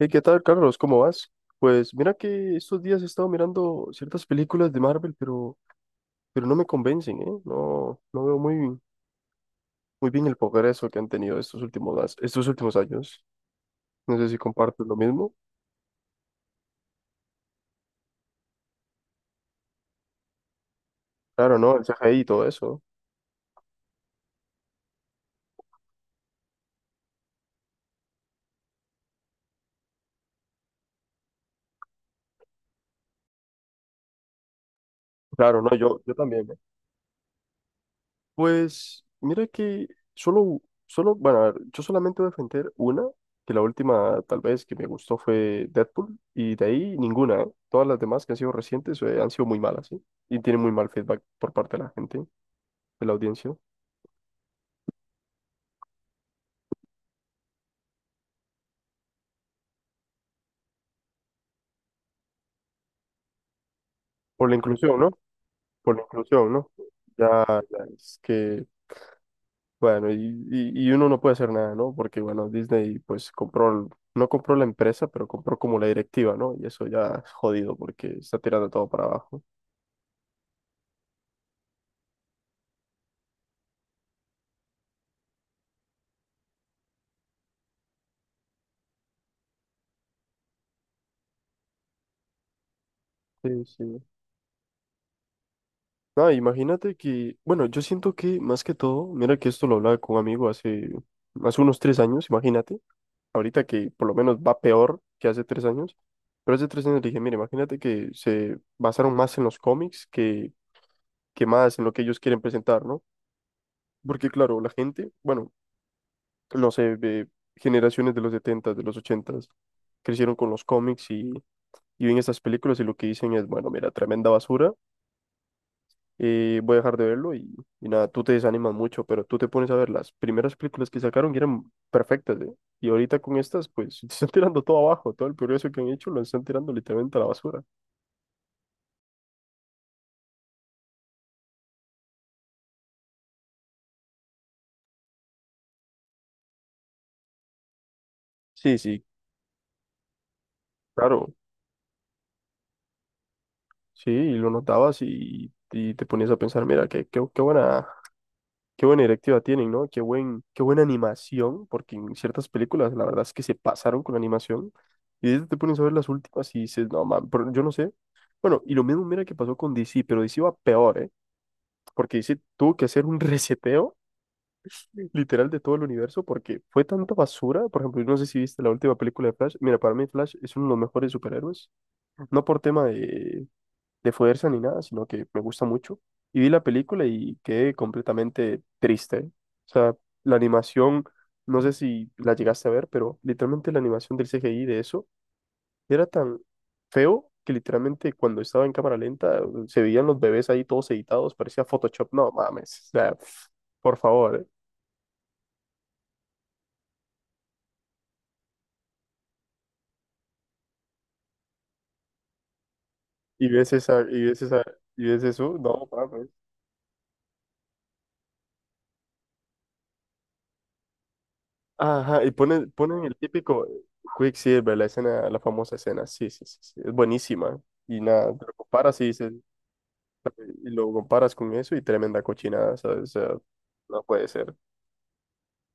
Hey, ¿qué tal, Carlos? ¿Cómo vas? Pues mira que estos días he estado mirando ciertas películas de Marvel, pero no me convencen, ¿eh? No, no veo muy, muy bien el progreso que han tenido estos últimos años. No sé si compartes lo mismo. Claro, no, el CGI y todo eso. Claro, no, yo también. Pues mira que solo, solo, bueno, a ver, yo solamente voy a defender una, que la última tal vez que me gustó fue Deadpool, y de ahí ninguna, ¿eh? Todas las demás que han sido recientes han sido muy malas, ¿sí? Y tienen muy mal feedback por parte de la gente, de la audiencia. Por la inclusión, ¿no? Por la inclusión, ¿no? Ya, ya, es que, bueno, y uno no puede hacer nada, ¿no? Porque, bueno, Disney pues compró, no compró la empresa, pero compró como la directiva, ¿no? Y eso ya es jodido porque está tirando todo para abajo. Sí, sí. Ah, imagínate que, bueno, yo siento que más que todo, mira que esto lo hablaba con un amigo hace unos 3 años, imagínate, ahorita que por lo menos va peor que hace 3 años, pero hace 3 años le dije, mira, imagínate que se basaron más en los cómics que más en lo que ellos quieren presentar, ¿no? Porque claro, la gente, bueno, no sé, de generaciones de los 70, de los 80, crecieron con los cómics y ven estas películas y lo que dicen es, bueno, mira, tremenda basura y voy a dejar de verlo y nada, tú te desanimas mucho, pero tú te pones a ver las primeras películas que sacaron que eran perfectas, ¿eh? Y ahorita con estas, pues te están tirando todo abajo, todo el progreso que han hecho lo están tirando literalmente a la basura. Sí, sí. Claro, sí, y lo notabas y te ponías a pensar, mira, qué buena directiva tienen, ¿no? Qué buena animación, porque en ciertas películas la verdad es que se pasaron con la animación. Y ahorita te pones a ver las últimas y dices, no, man, pero yo no sé. Bueno, y lo mismo mira que pasó con DC, pero DC va peor, ¿eh? Porque tuvo que hacer un reseteo literal de todo el universo, porque fue tanta basura. Por ejemplo, yo no sé si viste la última película de Flash. Mira, para mí Flash es uno de los mejores superhéroes, no por tema de fuerza ni nada, sino que me gusta mucho. Y vi la película y quedé completamente triste. O sea, la animación, no sé si la llegaste a ver, pero literalmente la animación del CGI de eso era tan feo que literalmente cuando estaba en cámara lenta se veían los bebés ahí todos editados, parecía Photoshop. No mames, o sea, pf, por favor, ¿eh? Y ves esa, y ves eso, no mames. Ajá, y ponen el típico Quicksilver, la escena, la famosa escena. Sí, sí, sí, sí, es buenísima. Y nada, te lo comparas y lo comparas con eso y tremenda cochinada, ¿sabes? O sea, no puede ser.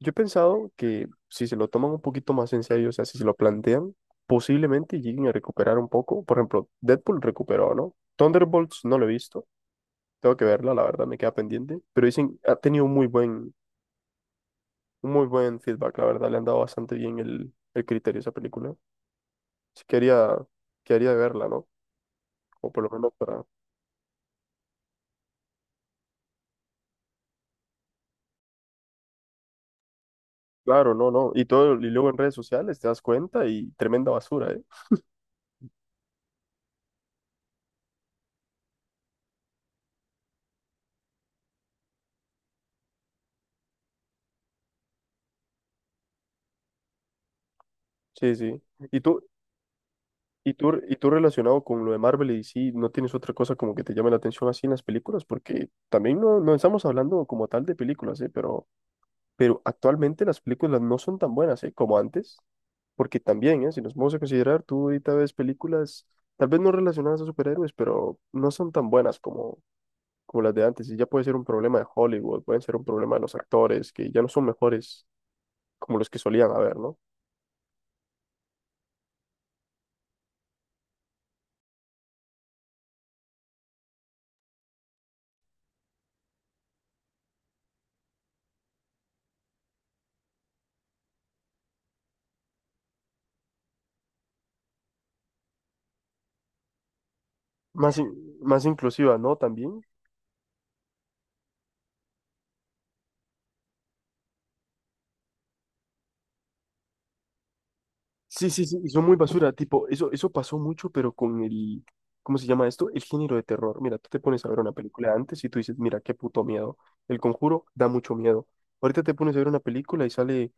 Yo he pensado que si se lo toman un poquito más en serio, o sea, si se lo plantean, posiblemente lleguen a recuperar un poco. Por ejemplo, Deadpool recuperó, ¿no? Thunderbolts no lo he visto, tengo que verla, la verdad me queda pendiente, pero dicen, ha tenido un muy buen feedback, la verdad, le han dado bastante bien el criterio a esa película. Así que haría de verla, ¿no? O por lo menos para... Claro, no, no. Y todo, y luego en redes sociales te das cuenta y tremenda basura, ¿eh? Sí, sí. ¿Y tú, y tú relacionado con lo de Marvel y sí, no tienes otra cosa como que te llame la atención así en las películas? Porque también no, no estamos hablando como tal de películas, ¿eh? Pero actualmente las películas no son tan buenas, ¿eh? Como antes. Porque también, ¿eh? Si nos vamos a considerar, tú ahorita ves películas, tal vez no relacionadas a superhéroes, pero no son tan buenas como las de antes, y ya puede ser un problema de Hollywood, pueden ser un problema de los actores, que ya no son mejores como los que solían haber, ¿no? Más inclusiva, ¿no? También. Sí, sí, sí, y son muy basura, tipo, eso pasó mucho, pero con el, ¿cómo se llama esto? El género de terror. Mira, tú te pones a ver una película antes y tú dices, mira, qué puto miedo. El Conjuro da mucho miedo. Ahorita te pones a ver una película y sale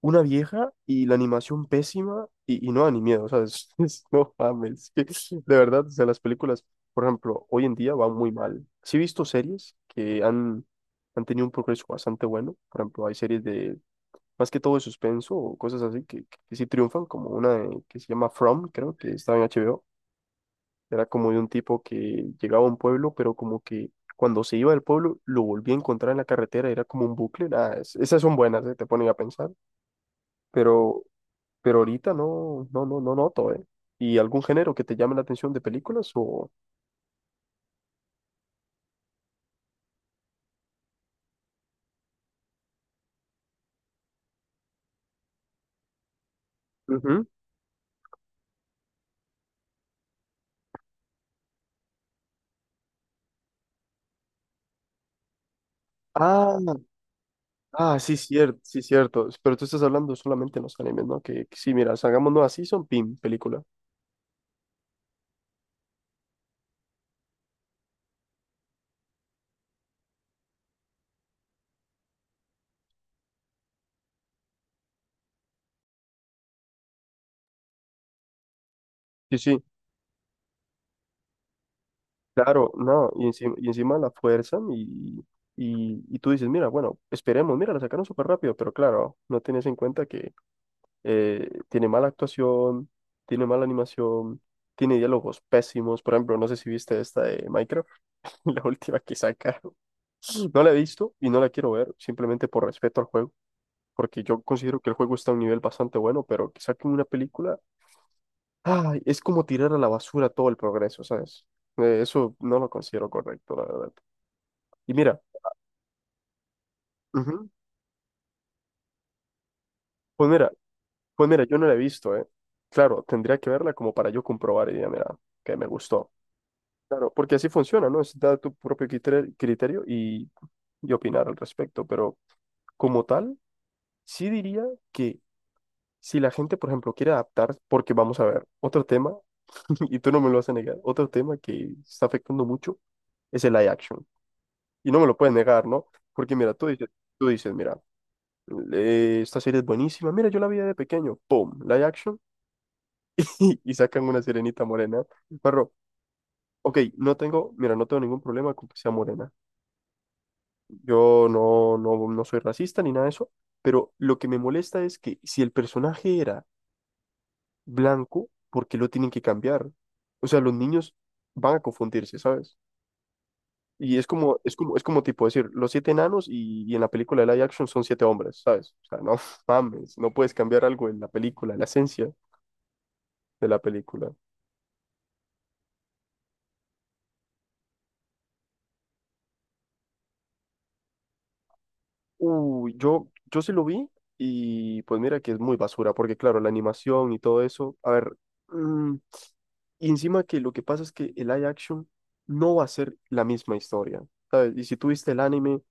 una vieja y la animación pésima y no da ni miedo, o sea, no mames, que de verdad, o sea, las películas, por ejemplo, hoy en día van muy mal. Sí he visto series que han tenido un progreso bastante bueno, por ejemplo, hay series de, más que todo de suspenso o cosas así que sí triunfan, como una que se llama From, creo que estaba en HBO, era como de un tipo que llegaba a un pueblo, pero como que... Cuando se iba del pueblo, lo volvía a encontrar en la carretera, era como un bucle. Nada, esas son buenas, te ponen a pensar. Pero pero ahorita no, no, no, no noto, ¿eh? ¿Y algún género que te llame la atención de películas o...? Ujú. Ah, ah, sí, cierto, sí, cierto. Pero tú estás hablando solamente en los animes, ¿no? Que sí, mira, hagamos nueva season, pim, película. Sí, sí, claro, no, y encima la fuerzan y tú dices, mira, bueno, esperemos, mira, la sacaron súper rápido, pero claro, no tienes en cuenta que tiene mala actuación, tiene mala animación, tiene diálogos pésimos. Por ejemplo, no sé si viste esta de Minecraft. La última que sacaron. No la he visto y no la quiero ver, simplemente por respeto al juego, porque yo considero que el juego está a un nivel bastante bueno, pero que saquen una película, ay, es como tirar a la basura todo el progreso, ¿sabes? Eso no lo considero correcto, la verdad. Y mira, ujú, pues mira, pues mira, yo no la he visto, ¿eh? Claro, tendría que verla como para yo comprobar y diría, mira, que me gustó. Claro, porque así funciona, ¿no? Es dar tu propio criterio y opinar al respecto, pero como tal. Sí diría que si la gente, por ejemplo, quiere adaptar, porque vamos a ver, otro tema, y tú no me lo vas a negar, otro tema que está afectando mucho es el live action. Y no me lo puedes negar, ¿no? Porque mira, tú dices, mira, esta serie es buenísima, mira, yo la vi de pequeño, ¡pum! Live action, y sacan una sirenita morena. Pero, ok, no tengo, mira, no tengo ningún problema con que sea morena. Yo no, no, no soy racista ni nada de eso, pero lo que me molesta es que si el personaje era blanco, ¿por qué lo tienen que cambiar? O sea, los niños van a confundirse, ¿sabes? Y es como tipo decir, los siete enanos y en la película de live action son siete hombres, ¿sabes? O sea, no mames, no puedes cambiar algo en la película, en la esencia de la película. Uy, yo sí lo vi y pues mira que es muy basura, porque claro, la animación y todo eso, a ver, mm, y encima que lo que pasa es que el live action no va a ser la misma historia, ¿sabes? Y si tú viste el anime,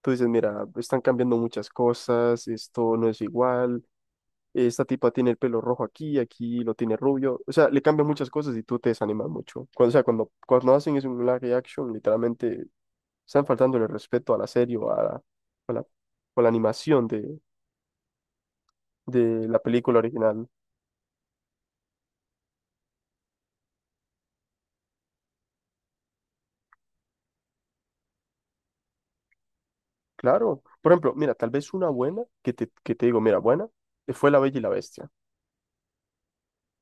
tú dices, mira, están cambiando muchas cosas, esto no es igual, esta tipa tiene el pelo rojo aquí, aquí lo tiene rubio. O sea, le cambian muchas cosas y tú te desanimas mucho. Cuando, o sea, cuando hacen eso en un live action, literalmente están faltando el respeto a la serie o la, o la animación de la película original. Claro. Por ejemplo, mira, tal vez una buena que te digo, mira, buena, fue La Bella y la Bestia.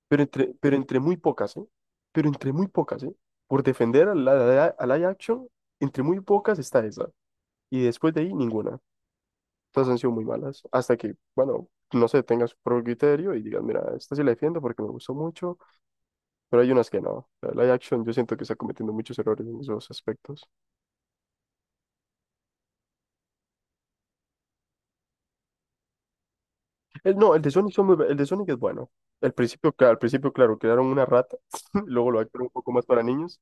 Pero entre muy pocas, ¿eh? Pero entre muy pocas, ¿eh? Por defender a la live Action, entre muy pocas está esa. Y después de ahí, ninguna. Todas han sido muy malas. Hasta que, bueno, no sé, tengas su propio criterio y digas, mira, esta sí la defiendo porque me gustó mucho, pero hay unas que no. La live Action, yo siento que está cometiendo muchos errores en esos aspectos. No, el de Sonic es bueno. Al principio, claro, crearon una rata, luego lo actuaron un poco más para niños.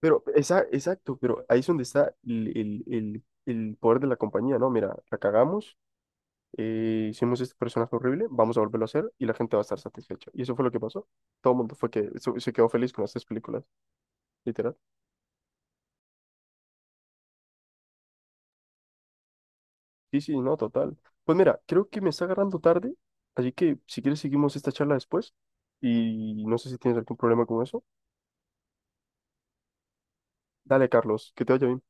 Pero, esa, exacto, pero ahí es donde está el poder de la compañía, ¿no? Mira, la cagamos, hicimos este personaje horrible, vamos a volverlo a hacer y la gente va a estar satisfecha. Y eso fue lo que pasó. Todo el mundo fue que se quedó feliz con las tres películas, literal. Sí, sí, no, total. Pues mira, creo que me está agarrando tarde, así que si quieres seguimos esta charla después y no sé si tienes algún problema con eso. Dale, Carlos, que te vaya bien.